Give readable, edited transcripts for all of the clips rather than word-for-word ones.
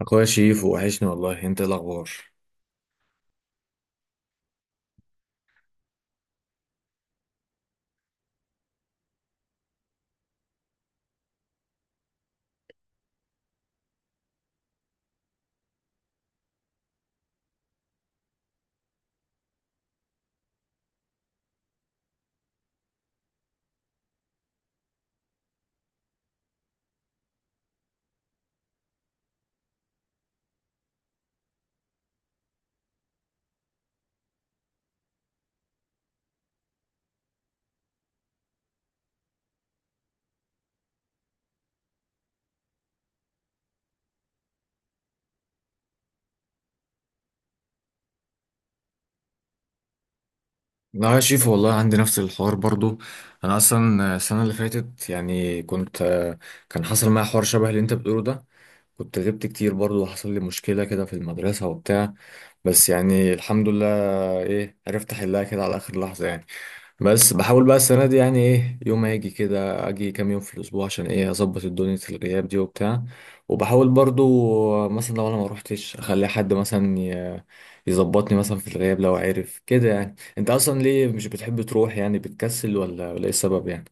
اخويا شيف، وحشني والله. انت إيه الاخبار؟ لا يا شيف والله عندي نفس الحوار برضو. انا اصلا السنه اللي فاتت يعني كان حصل معايا حوار شبه اللي انت بتقوله ده. كنت غبت كتير برضو وحصل لي مشكله كده في المدرسه وبتاع، بس يعني الحمد لله ايه عرفت احلها كده على اخر لحظه يعني. بس بحاول بقى السنة دي يعني ايه، يوم هاجي كده اجي كام يوم في الاسبوع عشان ايه اظبط الدنيا الغياب دي وبتاع. وبحاول برضو مثلا لو انا ما روحتش اخلي حد مثلا يظبطني مثلا في الغياب لو عارف كده. يعني انت اصلا ليه مش بتحب تروح؟ يعني بتكسل ولا ايه السبب يعني؟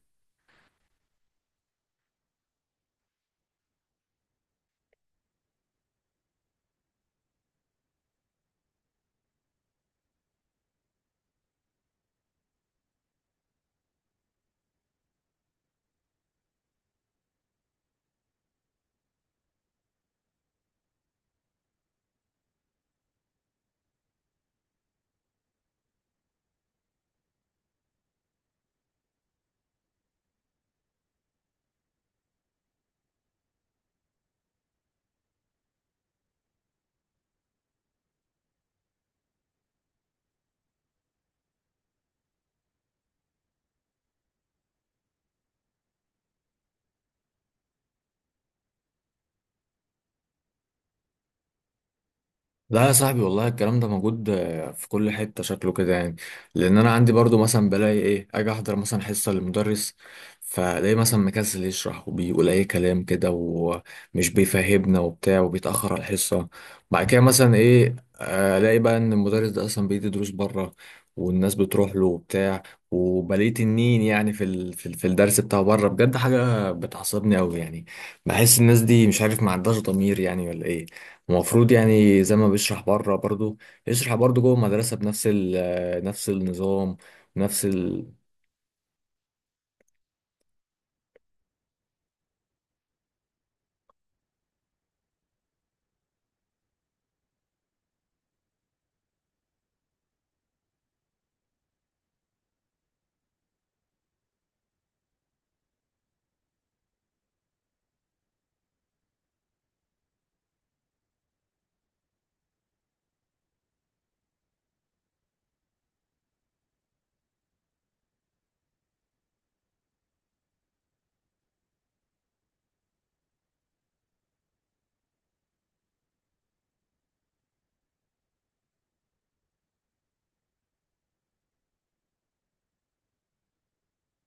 لا يا صاحبي والله الكلام ده موجود في كل حتة، شكله كده يعني. لأن أنا عندي برضو مثلا بلاقي إيه، أجي أحضر مثلا حصة للمدرس فلاقي مثلا مكسل يشرح وبيقول أي كلام كده ومش بيفهمنا وبتاع وبيتأخر على الحصة. بعد كده مثلا إيه، ألاقي بقى إن المدرس ده أصلا بيدي دروس بره والناس بتروح له وبتاع، وبلاقي تنين يعني في الدرس بتاعه بره. بجد حاجة بتعصبني أوي يعني، بحس الناس دي مش عارف، ما عندهاش ضمير يعني ولا إيه. المفروض يعني زي ما بيشرح بره برضو يشرح برضو جوه المدرسة بنفس ال نفس النظام، نفس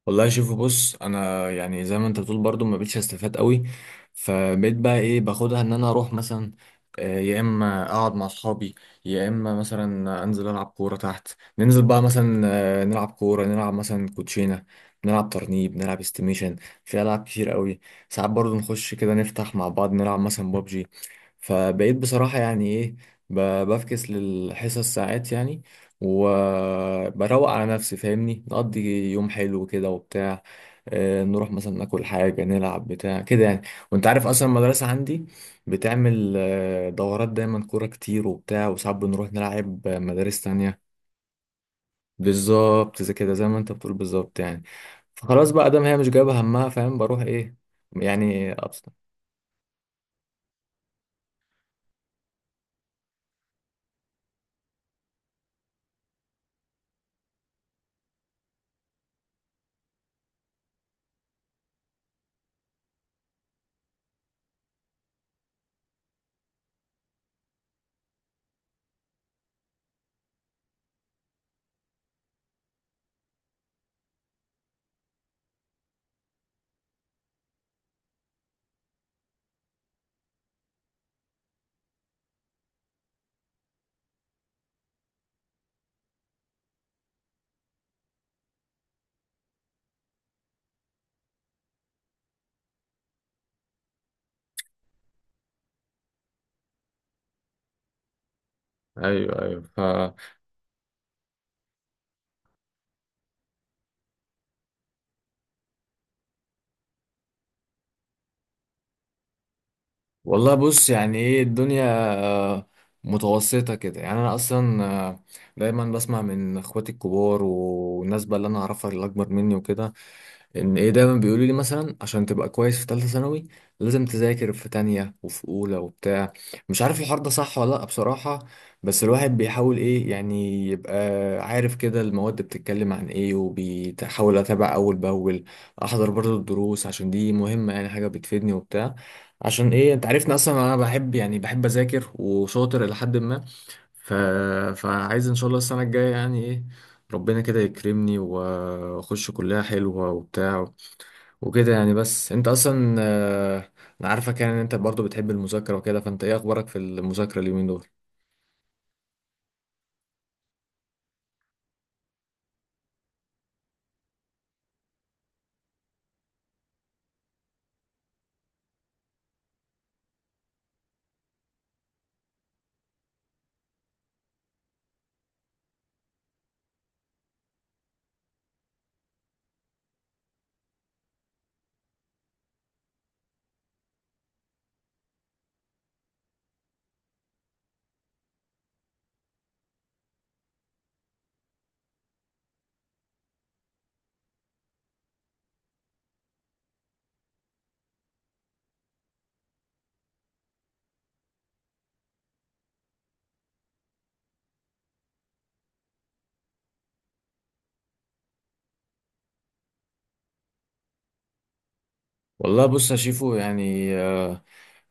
والله شوف، بص انا يعني زي ما انت بتقول برضو ما بقتش استفاد قوي. فبقيت بقى ايه باخدها ان انا اروح مثلا يا اما اقعد مع اصحابي، يا اما مثلا انزل العب كوره تحت. ننزل بقى مثلا نلعب كوره، نلعب مثلا كوتشينه، نلعب ترنيب، نلعب استيميشن، في العاب كتير قوي. ساعات برضو نخش كده نفتح مع بعض نلعب مثلا بابجي. فبقيت بصراحه يعني ايه ب- بفكس للحصص ساعات يعني، وبروق على نفسي، فاهمني، نقضي يوم حلو كده وبتاع. نروح مثلا ناكل حاجة، نلعب بتاع كده يعني. وانت عارف اصلا المدرسة عندي بتعمل دورات دايما كورة كتير وبتاع، وساعات بنروح نلعب مدارس تانية. بالظبط زي كده، زي ما انت بتقول بالظبط يعني. فخلاص بقى دام هي مش جايبة همها، فاهم، بروح ايه يعني أبسط. ايوه، ايوه. والله بص، يعني ايه الدنيا آه، متوسطة كده. يعني انا اصلا آه، دايما بسمع من اخواتي الكبار والناس بقى اللي انا اعرفها اللي اكبر مني وكده ان ايه، دايما بيقولوا لي مثلا عشان تبقى كويس في ثالثه ثانوي لازم تذاكر في تانية وفي اولى وبتاع. مش عارف الحوار ده صح ولا لا بصراحه، بس الواحد بيحاول ايه يعني يبقى عارف كده المواد بتتكلم عن ايه، وبيحاول اتابع اول باول، احضر برضه الدروس عشان دي مهمه يعني، حاجه بتفيدني وبتاع. عشان ايه، انت عارفني اصلا انا بحب، يعني اذاكر وشاطر الى حد ما. ف... فعايز ان شاء الله السنه الجايه يعني ايه ربنا كده يكرمني واخش كلها حلوة وبتاع وكده يعني. بس انت اصلا انا عارفك يعني ان انت برضو بتحب المذاكرة وكده. فانت ايه اخبارك في المذاكرة اليومين دول؟ والله بص يا شيفو، يعني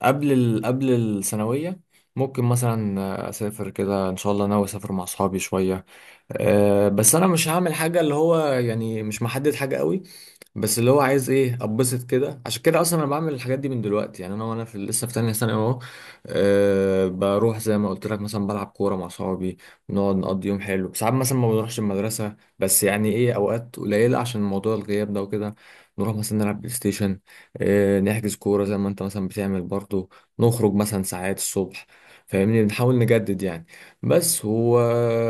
قبل الثانوية ممكن مثلا اسافر كده، ان شاء الله ناوي اسافر مع اصحابي شوية. بس انا مش هعمل حاجة، اللي هو يعني مش محدد حاجة قوي، بس اللي هو عايز ايه اتبسط كده. عشان كده اصلا انا بعمل الحاجات دي من دلوقتي يعني، انا وانا في لسه في تانية ثانوي اهو. أه بروح زي ما قلت لك مثلا بلعب كورة مع صحابي، نقعد نقضي يوم حلو. ساعات مثلا ما بنروحش المدرسة، بس يعني ايه اوقات قليلة عشان موضوع الغياب ده وكده. نروح مثلا نلعب بلاي ستيشن، أه نحجز كورة زي ما انت مثلا بتعمل برضو، نخرج مثلا ساعات الصبح، فاهمني، بنحاول نجدد يعني. بس هو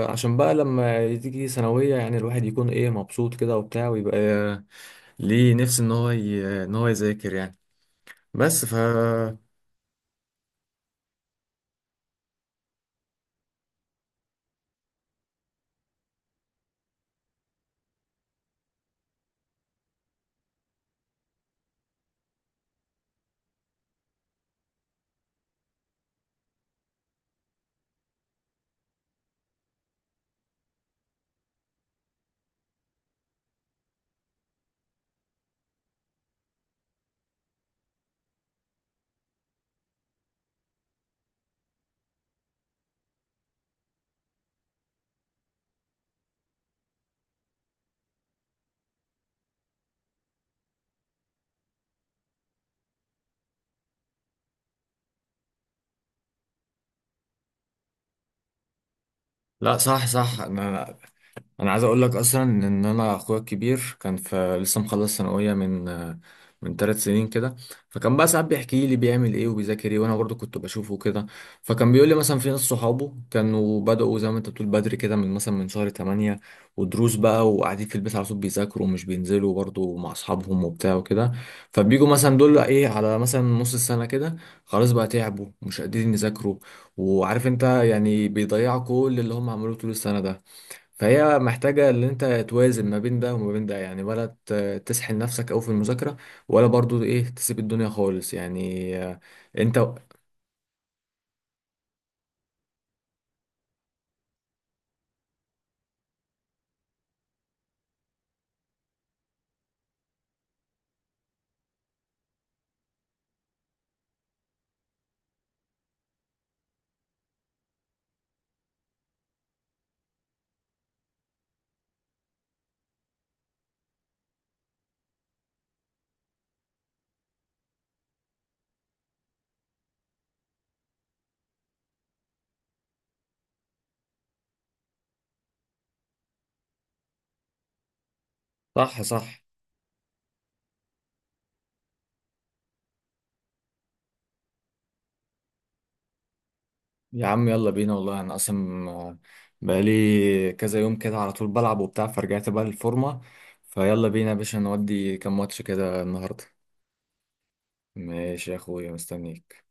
عشان بقى لما تيجي ثانوية يعني الواحد يكون ايه مبسوط كده وبتاع، ويبقى ليه نفسي ان هو يذاكر يعني. بس لا صح، صح. انا انا عايز اقول لك اصلا ان انا اخويا الكبير كان في لسه مخلص ثانويه من ثلاث سنين كده. فكان بقى ساعات بيحكي لي بيعمل ايه وبيذاكر ايه، وانا برضو كنت بشوفه كده. فكان بيقول لي مثلا في ناس صحابه كانوا بدأوا زي ما انت بتقول بدري كده من مثلا من شهر 8، ودروس بقى، وقاعدين في البيت على طول بيذاكروا ومش بينزلوا برضو مع اصحابهم وبتاع وكده. فبيجوا مثلا دول ايه على مثلا نص السنه كده خلاص بقى، تعبوا مش قادرين يذاكروا، وعارف انت يعني بيضيعوا كل اللي هم عملوه طول السنه ده. فهي محتاجة ان انت توازن ما بين ده وما بين ده يعني، ولا تسحل نفسك اوي في المذاكرة، ولا برضو ايه تسيب الدنيا خالص يعني انت. صح، صح. يا عم يلا بينا والله، انا اصلا بقالي كذا يوم كده على طول بلعب وبتاع، فرجعت بقى للفورمة. فيلا بينا يا باشا، نودي كام ماتش كده النهاردة. ماشي يا اخويا، مستنيك.